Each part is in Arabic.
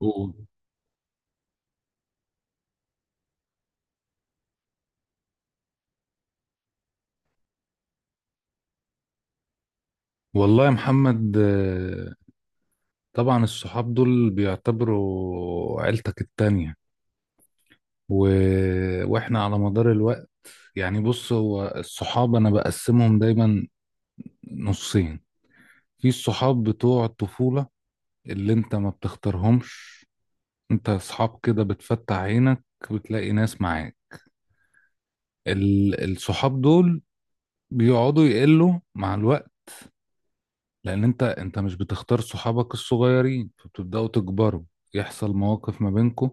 و- والله يا محمد، طبعا الصحاب دول بيعتبروا عيلتك التانية. و... واحنا على مدار الوقت. يعني بص، هو الصحاب انا بقسمهم دايما نصين. في الصحاب بتوع الطفولة اللي انت ما بتختارهمش، انت اصحاب كده بتفتح عينك بتلاقي ناس معاك. الصحاب دول بيقعدوا يقلوا مع الوقت، لان انت مش بتختار صحابك الصغيرين، فبتبدأوا تكبروا، يحصل مواقف ما بينكم،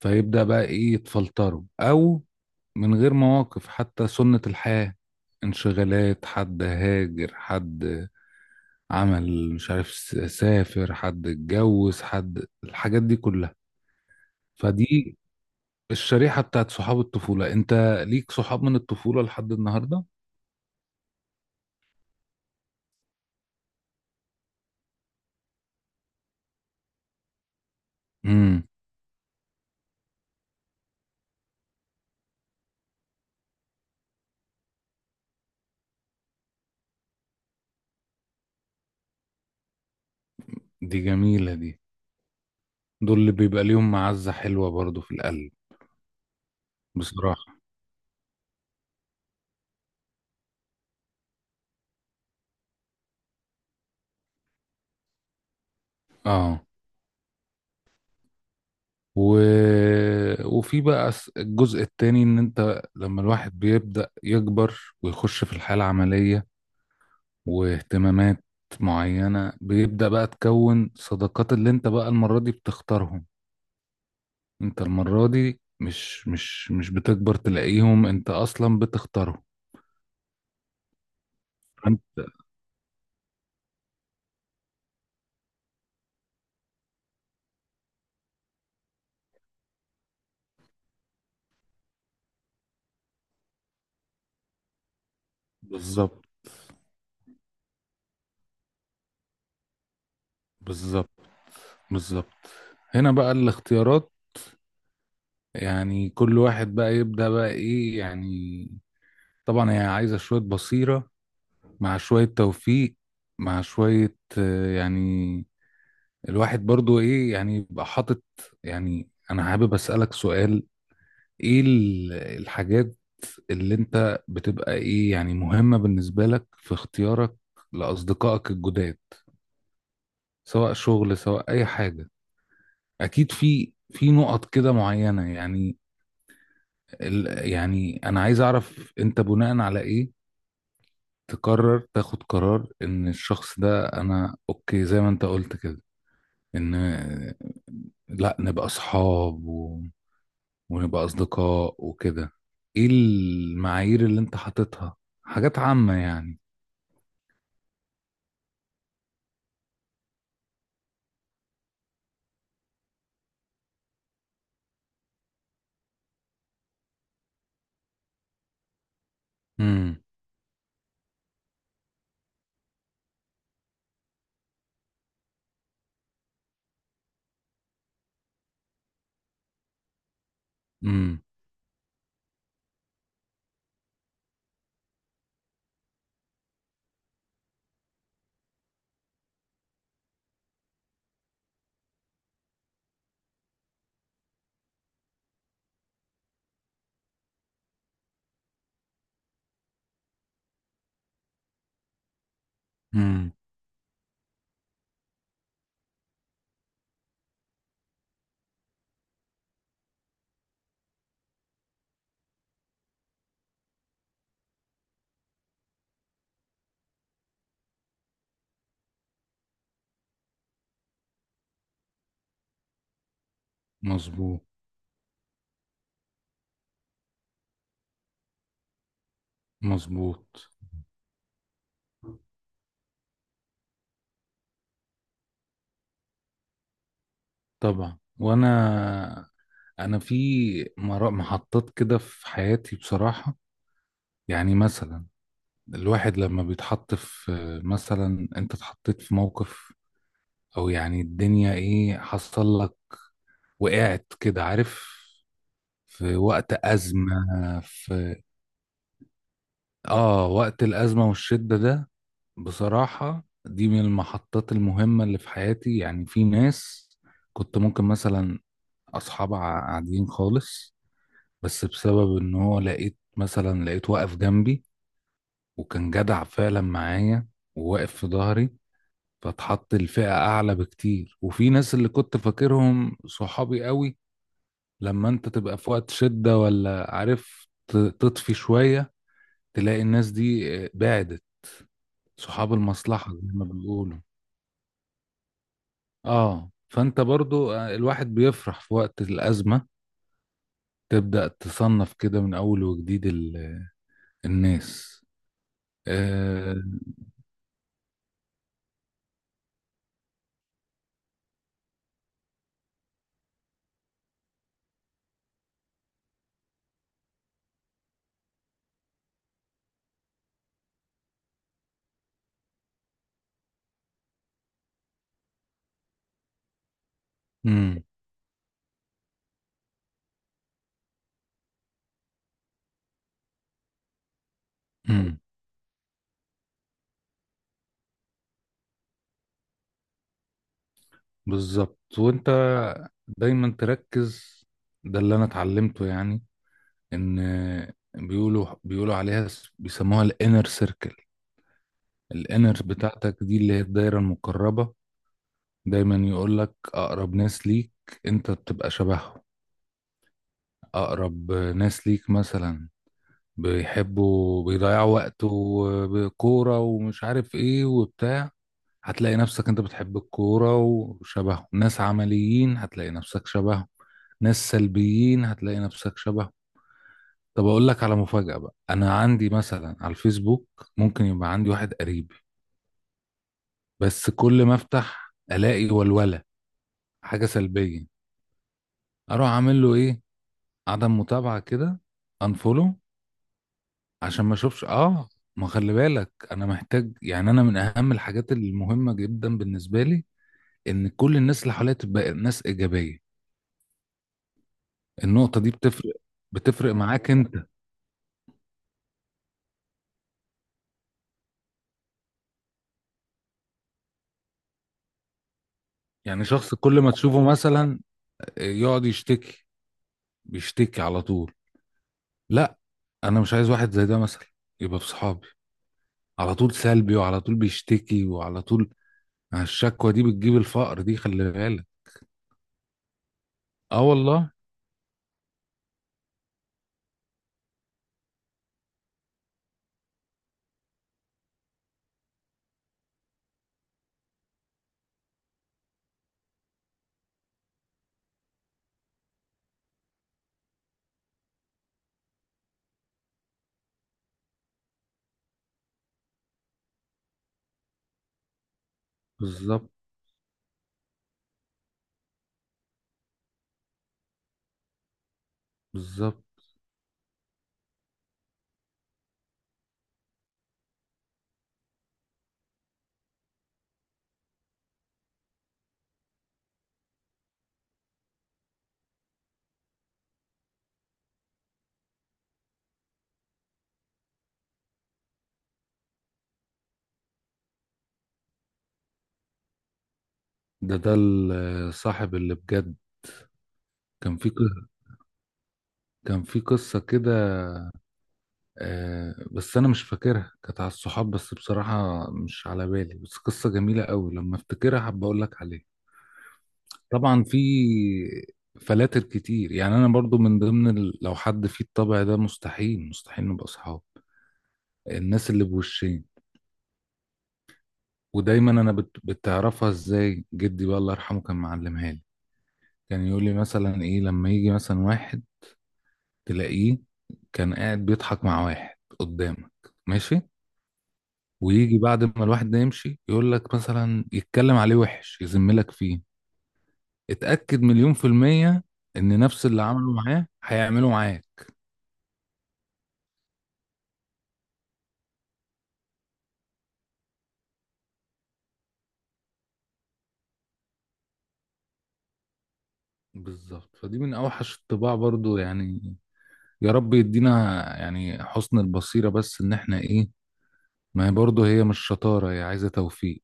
فيبدأ بقى ايه يتفلتروا او من غير مواقف حتى، سنة الحياة، انشغالات، حد هاجر، حد عمل مش عارف سافر، حد اتجوز، حد الحاجات دي كلها. فدي الشريحة بتاعت صحاب الطفولة، انت ليك صحاب من الطفولة لحد النهاردة. امم دي جميلة دي. دول اللي بيبقى ليهم معزة حلوة برضو في القلب، بصراحة. اه. و... وفي بقى الجزء التاني، ان انت لما الواحد بيبدأ يكبر ويخش في الحياة العملية واهتمامات معينة، بيبدأ بقى تكون صداقات اللي انت بقى المرة دي بتختارهم. انت المرة دي مش بتكبر تلاقيهم، انت اصلا بتختارهم. فأنت- بالظبط، بالظبط، بالظبط. هنا بقى الاختيارات، يعني كل واحد بقى يبدأ بقى ايه يعني. طبعا هي عايزة شوية بصيرة، مع شوية توفيق، مع شوية، يعني الواحد برضو ايه يعني يبقى حاطط. يعني انا حابب اسألك سؤال، ايه الحاجات اللي انت بتبقى ايه يعني مهمة بالنسبة لك في اختيارك لأصدقائك الجداد، سواء شغل سواء اي حاجة؟ اكيد في نقط كده معينة يعني. يعني انا عايز اعرف، انت بناء على ايه تقرر تاخد قرار ان الشخص ده انا اوكي، زي ما انت قلت كده، ان لا نبقى اصحاب ونبقى اصدقاء وكده؟ ايه المعايير اللي انت حاططها؟ حاجات عامة يعني. امم، امم، امم. مظبوط. مظبوط. طبعا. وانا في محطات كده في حياتي، بصراحة. يعني مثلا الواحد لما بيتحط في، مثلا انت اتحطيت في موقف او يعني الدنيا ايه حصل لك، وقعت كده عارف، في وقت أزمة. في اه، وقت الأزمة والشدة ده بصراحة دي من المحطات المهمة اللي في حياتي. يعني في ناس كنت ممكن مثلا أصحاب عاديين خالص، بس بسبب إن هو لقيت مثلا لقيت واقف جنبي، وكان جدع فعلا معايا وواقف في ظهري، فاتحط الفئة أعلى بكتير. وفي ناس اللي كنت فاكرهم صحابي قوي، لما أنت تبقى في وقت شدة ولا عارف تطفي شوية، تلاقي الناس دي بعدت. صحاب المصلحة زي ما بيقولوا. اه، فانت برضو، الواحد بيفرح في وقت الأزمة، تبدأ تصنف كده من أول وجديد الناس. آه. امم. امم. بالظبط. وانت دايما تركز، ده اللي انا اتعلمته يعني، ان بيقولوا عليها بيسموها الانر سيركل. الانر بتاعتك دي اللي هي الدايره المقربه، دايما يقول لك اقرب ناس ليك انت بتبقى شبههم. أقرب ناس ليك مثلا بيحبوا بيضيعوا وقته بكورة ومش عارف إيه وبتاع، هتلاقي نفسك أنت بتحب الكورة وشبهه. ناس عمليين هتلاقي نفسك شبهه، ناس سلبيين هتلاقي نفسك شبهه. طب أقول لك على مفاجأة بقى، أنا عندي مثلا على الفيسبوك ممكن يبقى عندي واحد قريبي، بس كل ما أفتح ألاقي ولولة، حاجة سلبية، أروح أعمل له إيه؟ عدم متابعة كده، أنفولو، عشان ما اشوفش. اه، ما خلي بالك، انا محتاج، يعني انا من اهم الحاجات المهمه جدا بالنسبه لي ان كل الناس اللي حواليا تبقى ناس ايجابيه. النقطه دي بتفرق، بتفرق معاك انت. يعني شخص كل ما تشوفه مثلا يقعد يشتكي، بيشتكي على طول، لا، انا مش عايز واحد زي ده مثلا يبقى في صحابي، على طول سلبي وعلى طول بيشتكي وعلى طول. الشكوى دي بتجيب الفقر دي، خلي بالك. اه والله. بالظبط، بالظبط. ده الصاحب اللي بجد. كان في كان في قصة كده، بس أنا مش فاكرها، كانت على الصحاب بس بصراحة مش على بالي، بس قصة جميلة قوي لما أفتكرها حابب أقول لك عليها. طبعا في فلاتر كتير، يعني أنا برضو من ضمن لو حد فيه الطبع ده مستحيل مستحيل نبقى أصحاب، الناس اللي بوشين. ودايما أنا بتعرفها إزاي؟ جدي بقى الله يرحمه كان معلمها لي، كان يقول لي مثلا إيه، لما يجي مثلا واحد تلاقيه كان قاعد بيضحك مع واحد قدامك ماشي، ويجي بعد ما الواحد ده يمشي يقول لك مثلا يتكلم عليه وحش يذملك فيه، اتأكد مليون في المية ان نفس اللي عمله معاه هيعمله معاك. بالظبط، فدي من اوحش الطباع برضو يعني. يا رب يدينا يعني حسن البصيرة، بس ان احنا ايه، ما هي برضو هي مش شطارة، هي عايزة توفيق.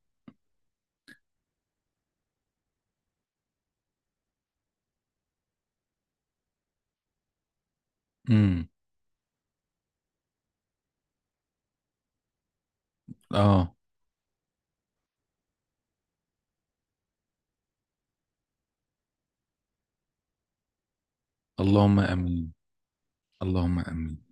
امم. اه. اللهم امين. اللهم امين.